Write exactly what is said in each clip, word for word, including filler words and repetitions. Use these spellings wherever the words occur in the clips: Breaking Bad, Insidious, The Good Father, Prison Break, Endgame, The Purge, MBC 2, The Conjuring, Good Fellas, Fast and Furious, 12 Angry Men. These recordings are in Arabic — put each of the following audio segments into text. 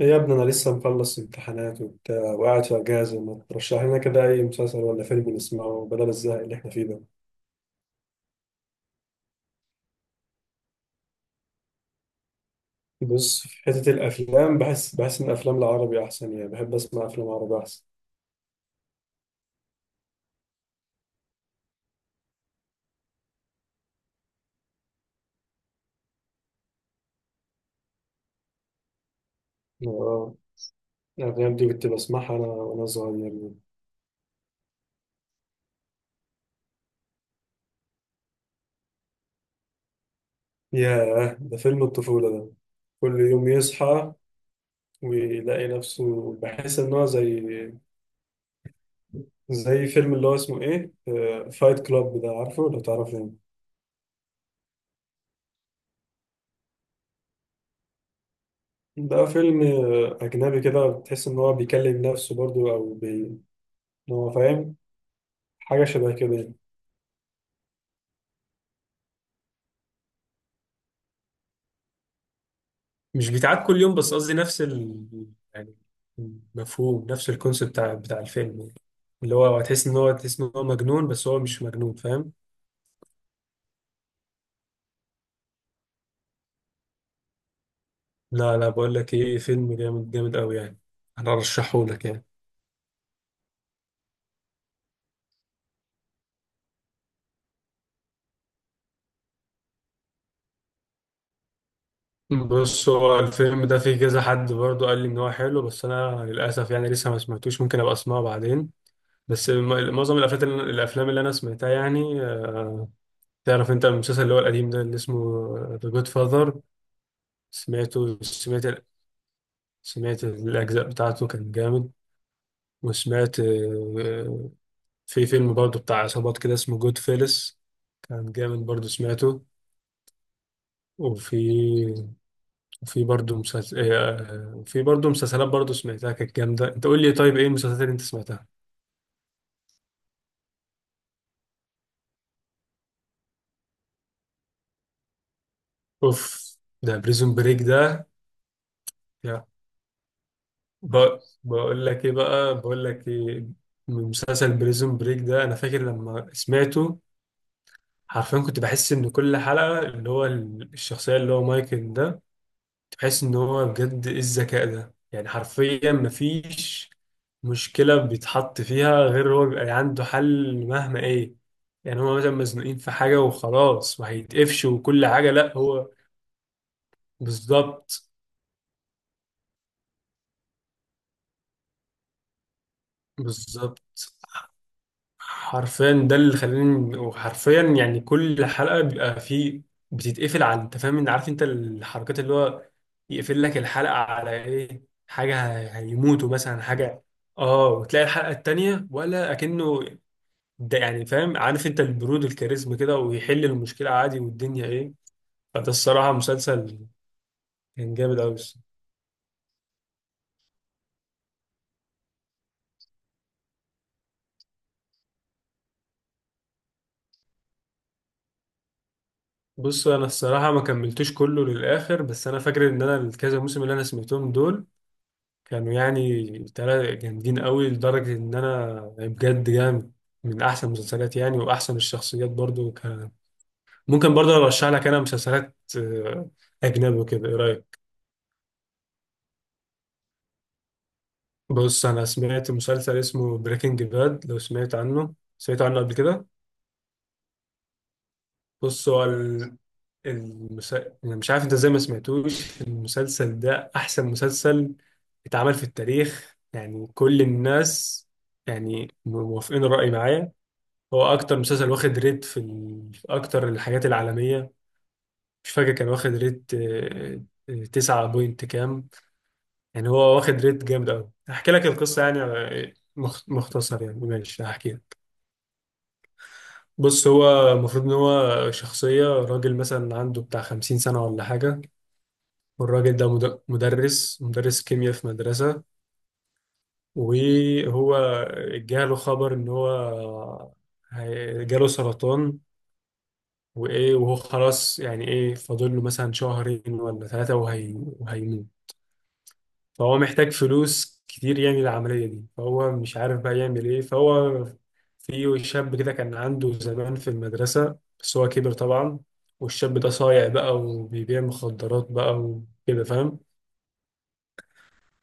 إيه يا ابني، انا لسه مخلص امتحانات وبتاع وقاعد في اجازه. ما ترشح لنا كده اي مسلسل ولا فيلم نسمعه بدل الزهق اللي احنا فيه ده؟ بص، في حته الافلام بحس بحس ان الافلام العربي احسن. يعني بحب اسمع افلام عربي احسن. اه، الافلام دي كنت بسمعها انا وانا صغير. ياه، ده فيلم الطفوله ده. كل يوم يصحى ويلاقي نفسه، بحس ان هو زي زي فيلم اللي هو اسمه ايه، فايت كلاب، ده عارفه لو تعرفه؟ ده فيلم أجنبي كده، بتحس إن هو بيكلم نفسه برضو، أو بي... إن هو فاهم حاجة شبه كده يعني. مش بيتعاد كل يوم، بس قصدي نفس ال... يعني، مفهوم نفس الكونسيبت بتاع بتاع الفيلم يعني. اللي هو هتحس إن هو تحس إن هو مجنون بس هو مش مجنون، فاهم؟ لا لا، بقول لك إيه، فيلم جامد جامد أوي يعني. أنا أرشحه لك يعني. بص، هو الفيلم ده فيه كذا حد برضو قال لي إن هو حلو، بس أنا للأسف يعني لسه ما سمعتوش. ممكن أبقى أسمعه بعدين. بس م- معظم الافلام اللي الافلام اللي انا سمعتها يعني آه، تعرف انت المسلسل اللي هو القديم ده اللي اسمه ذا جود فاذر؟ سمعته سمعت سمعت الاجزاء بتاعته، كان جامد. وسمعت آه، في فيلم برضه بتاع عصابات كده اسمه جود فيلس، كان جامد برضه، سمعته. وفي في برضه مسلسل في برضه مسلسلات برضه سمعتها كانت جامده. انت قول لي طيب ايه المسلسلات اللي انت سمعتها؟ اوف. ده بريزون بريك. ده ب- بقول لك ايه بقى، بقول لك ايه من مسلسل بريزون بريك ده، انا فاكر لما سمعته حرفيا كنت بحس ان كل حلقة، اللي هو ال- الشخصية اللي هو مايكل ده، كنت بحس ان هو، بجد ايه الذكاء ده يعني! حرفيا مفيش مشكلة بيتحط فيها غير هو بيبقى عنده حل، مهما ايه. يعني هو مثلا مزنوقين في حاجة وخلاص وهيتقفش وكل حاجة، لا هو. بالظبط، بالظبط. حرفيا ده اللي خلاني، وحرفيا يعني كل حلقة بيبقى فيه، بتتقفل على، انت فاهم، انت عارف انت الحركات اللي هو يقفل لك الحلقة على ايه، حاجة هي- هيموتوا مثلا، حاجة. اه، وتلاقي الحلقة التانية ولا اكنه، ده يعني فاهم، عارف انت البرود، الكاريزما كده، ويحل المشكلة عادي والدنيا ايه. فده الصراحة مسلسل كان جامد أوي. بص انا الصراحة ما كملتوش كله للآخر، بس انا فاكر ان انا الكذا موسم اللي انا سمعتهم دول كانوا يعني تلاتة جامدين قوي، لدرجة إن أنا يعني بجد جامد. من أحسن المسلسلات يعني، وأحسن الشخصيات برضو كان. ممكن برضو أرشح لك أنا مسلسلات آه، أجنبي وكده، إيه رأيك؟ بص أنا سمعت مسلسل اسمه بريكنج باد، لو سمعت عنه سمعت عنه قبل كده؟ بص هو ال- المس... أنا مش عارف أنت إزاي ما سمعتوش المسلسل ده، أحسن مسلسل اتعمل في التاريخ. يعني كل الناس يعني موافقين الرأي معايا. هو اكتر مسلسل واخد ريت في, ال... في اكتر الحاجات العالميه. مش فاكر، كان واخد ريت آه، آه، تسعة بوينت كام، يعني هو واخد ريت جامد قوي. هحكي لك القصه يعني آه، مخ- مختصر يعني، ماشي، هحكي لك. بص هو المفروض ان هو شخصيه راجل مثلا عنده بتاع خمسين سنه ولا حاجه. والراجل ده مد- مدرس مدرس كيمياء في مدرسه. وهو جاله خبر ان هو هي- جاله سرطان. وايه وهو خلاص يعني ايه، فاضل له مثلا شهرين ولا ثلاثة، وهي وهيموت. فهو محتاج فلوس كتير يعني للعملية دي، فهو مش عارف بقى يعمل ايه. فهو في شاب كده كان عنده زمان في المدرسة، بس هو كبر طبعا. والشاب ده صايع بقى وبيبيع مخدرات بقى وكده، فاهم.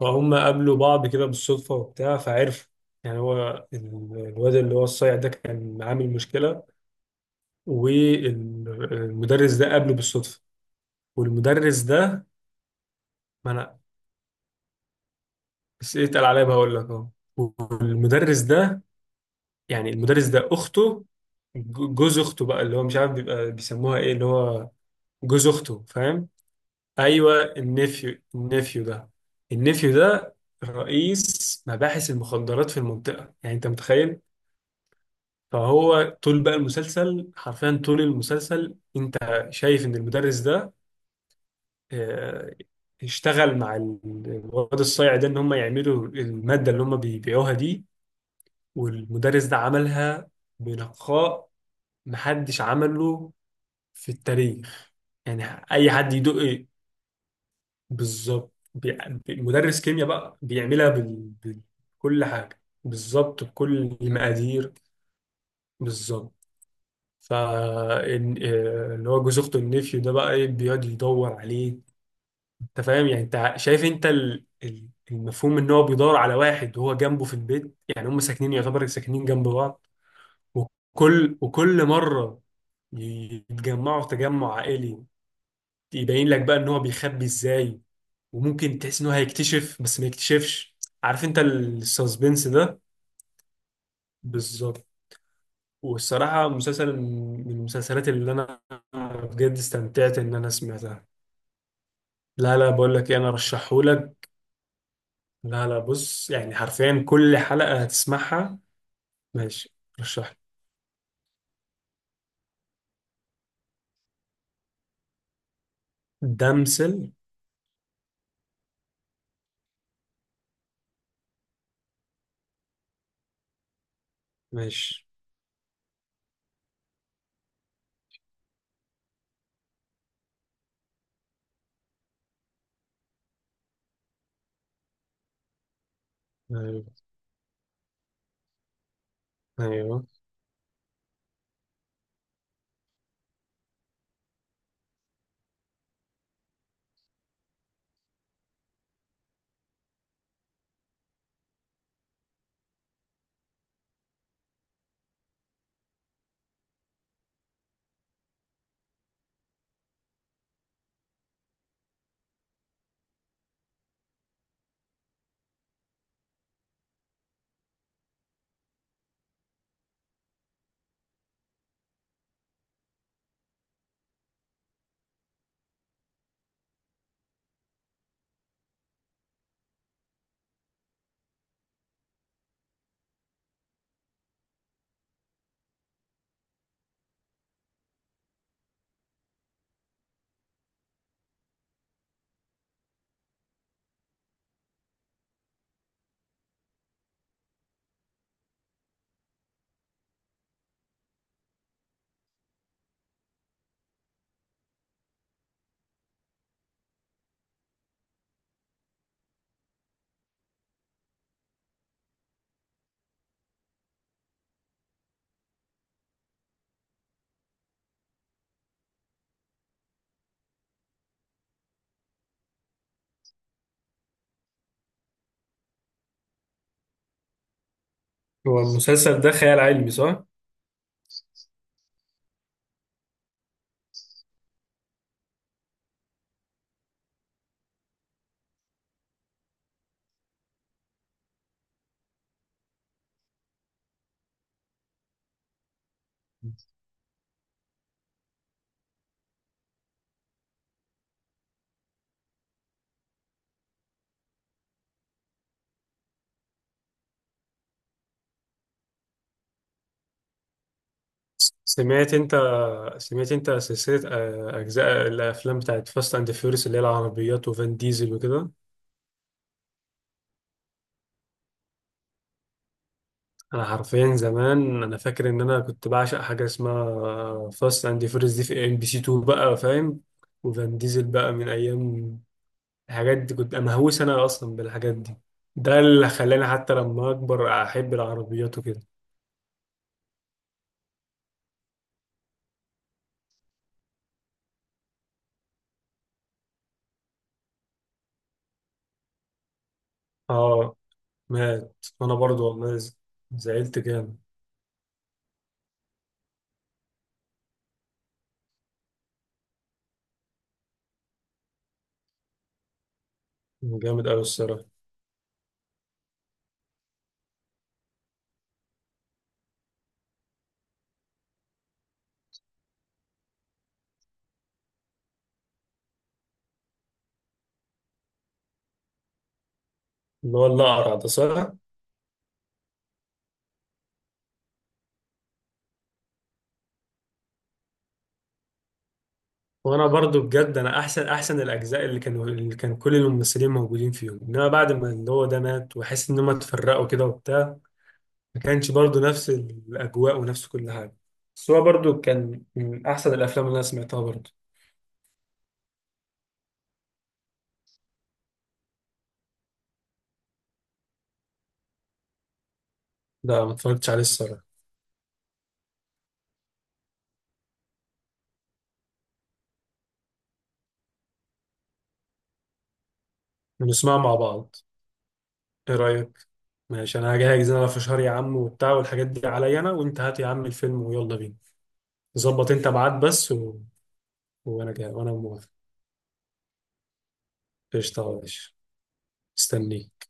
فهم قابلوا بعض كده بالصدفة وبتاع فعرفوا، يعني هو ال- الواد اللي هو الصايع ده كان عامل مشكلة، والمدرس ده قابله بالصدفة. والمدرس ده، ما انا بس ايه، اتقل عليا بقول لك اهو. والمدرس ده، يعني المدرس ده اخته ج- جوز اخته بقى، اللي هو مش عارف بيبقى بيسموها ايه، اللي هو جوز اخته، فاهم. ايوه، النفيو النفيو ده، النفيو ده رئيس مباحث المخدرات في المنطقه، يعني انت متخيل. فهو طول بقى المسلسل حرفيا طول المسلسل، انت شايف ان المدرس ده آه، اشتغل مع ال- الواد الصايع ده، ان هم يعملوا الماده اللي هم بيبيعوها دي. والمدرس ده عملها بنقاء محدش عمله في التاريخ، يعني اي حد يدق إيه؟ بالظبط. بي- مدرس كيمياء بقى بيعملها بال... بكل حاجه بالظبط، بكل المقادير بالظبط. ف إن- آه، اللي هو جوز اخته النفيو ده، بقى ايه، بيقعد يدور عليه. انت فاهم يعني، انت شايف انت ال- ال- المفهوم ان هو بيدور على واحد وهو جنبه في البيت، يعني هم ساكنين، يعتبر ساكنين جنب بعض. وكل وكل مرة يتجمعوا في تجمع عائلي، يبين لك بقى ان هو بيخبي ازاي، وممكن تحس ان هو هيكتشف بس ما يكتشفش، عارف انت السسبنس ده. بالظبط. والصراحة مسلسل من المسلسلات اللي انا بجد استمتعت ان انا سمعتها. لا لا، بقول لك ايه، انا رشحهولك. لا لا، بص يعني حرفيا كل حلقة هتسمعها. ماشي، رشح. دمسل. ماشي. ايوه. أيوة. هو المسلسل ده خيال علمي صح؟ سمعت انت سمعت انت سلسلة آه، اجزاء الافلام بتاعت فاست اند فيوريوس، اللي هي العربيات وفان ديزل وكده؟ انا حرفيا زمان انا فاكر ان انا كنت بعشق حاجة اسمها فاست اند فيوريوس دي، في ام بي سي اتنين بقى، فاهم. وفان ديزل بقى من ايام، الحاجات دي كنت مهووس انا اصلا بالحاجات دي. ده اللي خلاني حتى لما اكبر احب العربيات وكده. اه، مات. وانا برضو والله ز- زعلت جامد، جامد قوي الصراحة. اللي هو الاقرع ده صح؟ وانا برضو بجد انا احسن، احسن الاجزاء اللي كانوا اللي كان كل الممثلين موجودين فيهم، انما بعد ما اللي هو ده مات، واحس ان هم اتفرقوا كده وبتاع، ما كانش برضو نفس الاجواء ونفس كل حاجه. بس هو برضو كان من احسن الافلام اللي انا سمعتها برضو. ده ما اتفرجتش عليه الصراحه. بنسمعه مع بعض؟ ايه رايك؟ ماشي، انا هجهز. انا في شهر يا عم وبتاع والحاجات دي عليا، انا وانت هات يا عم الفيلم ويلا بينا. ظبط انت ميعاد بس و... وانا جاي وانا موافق. قشطه يا باشا. مستنيك.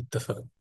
اتفقنا.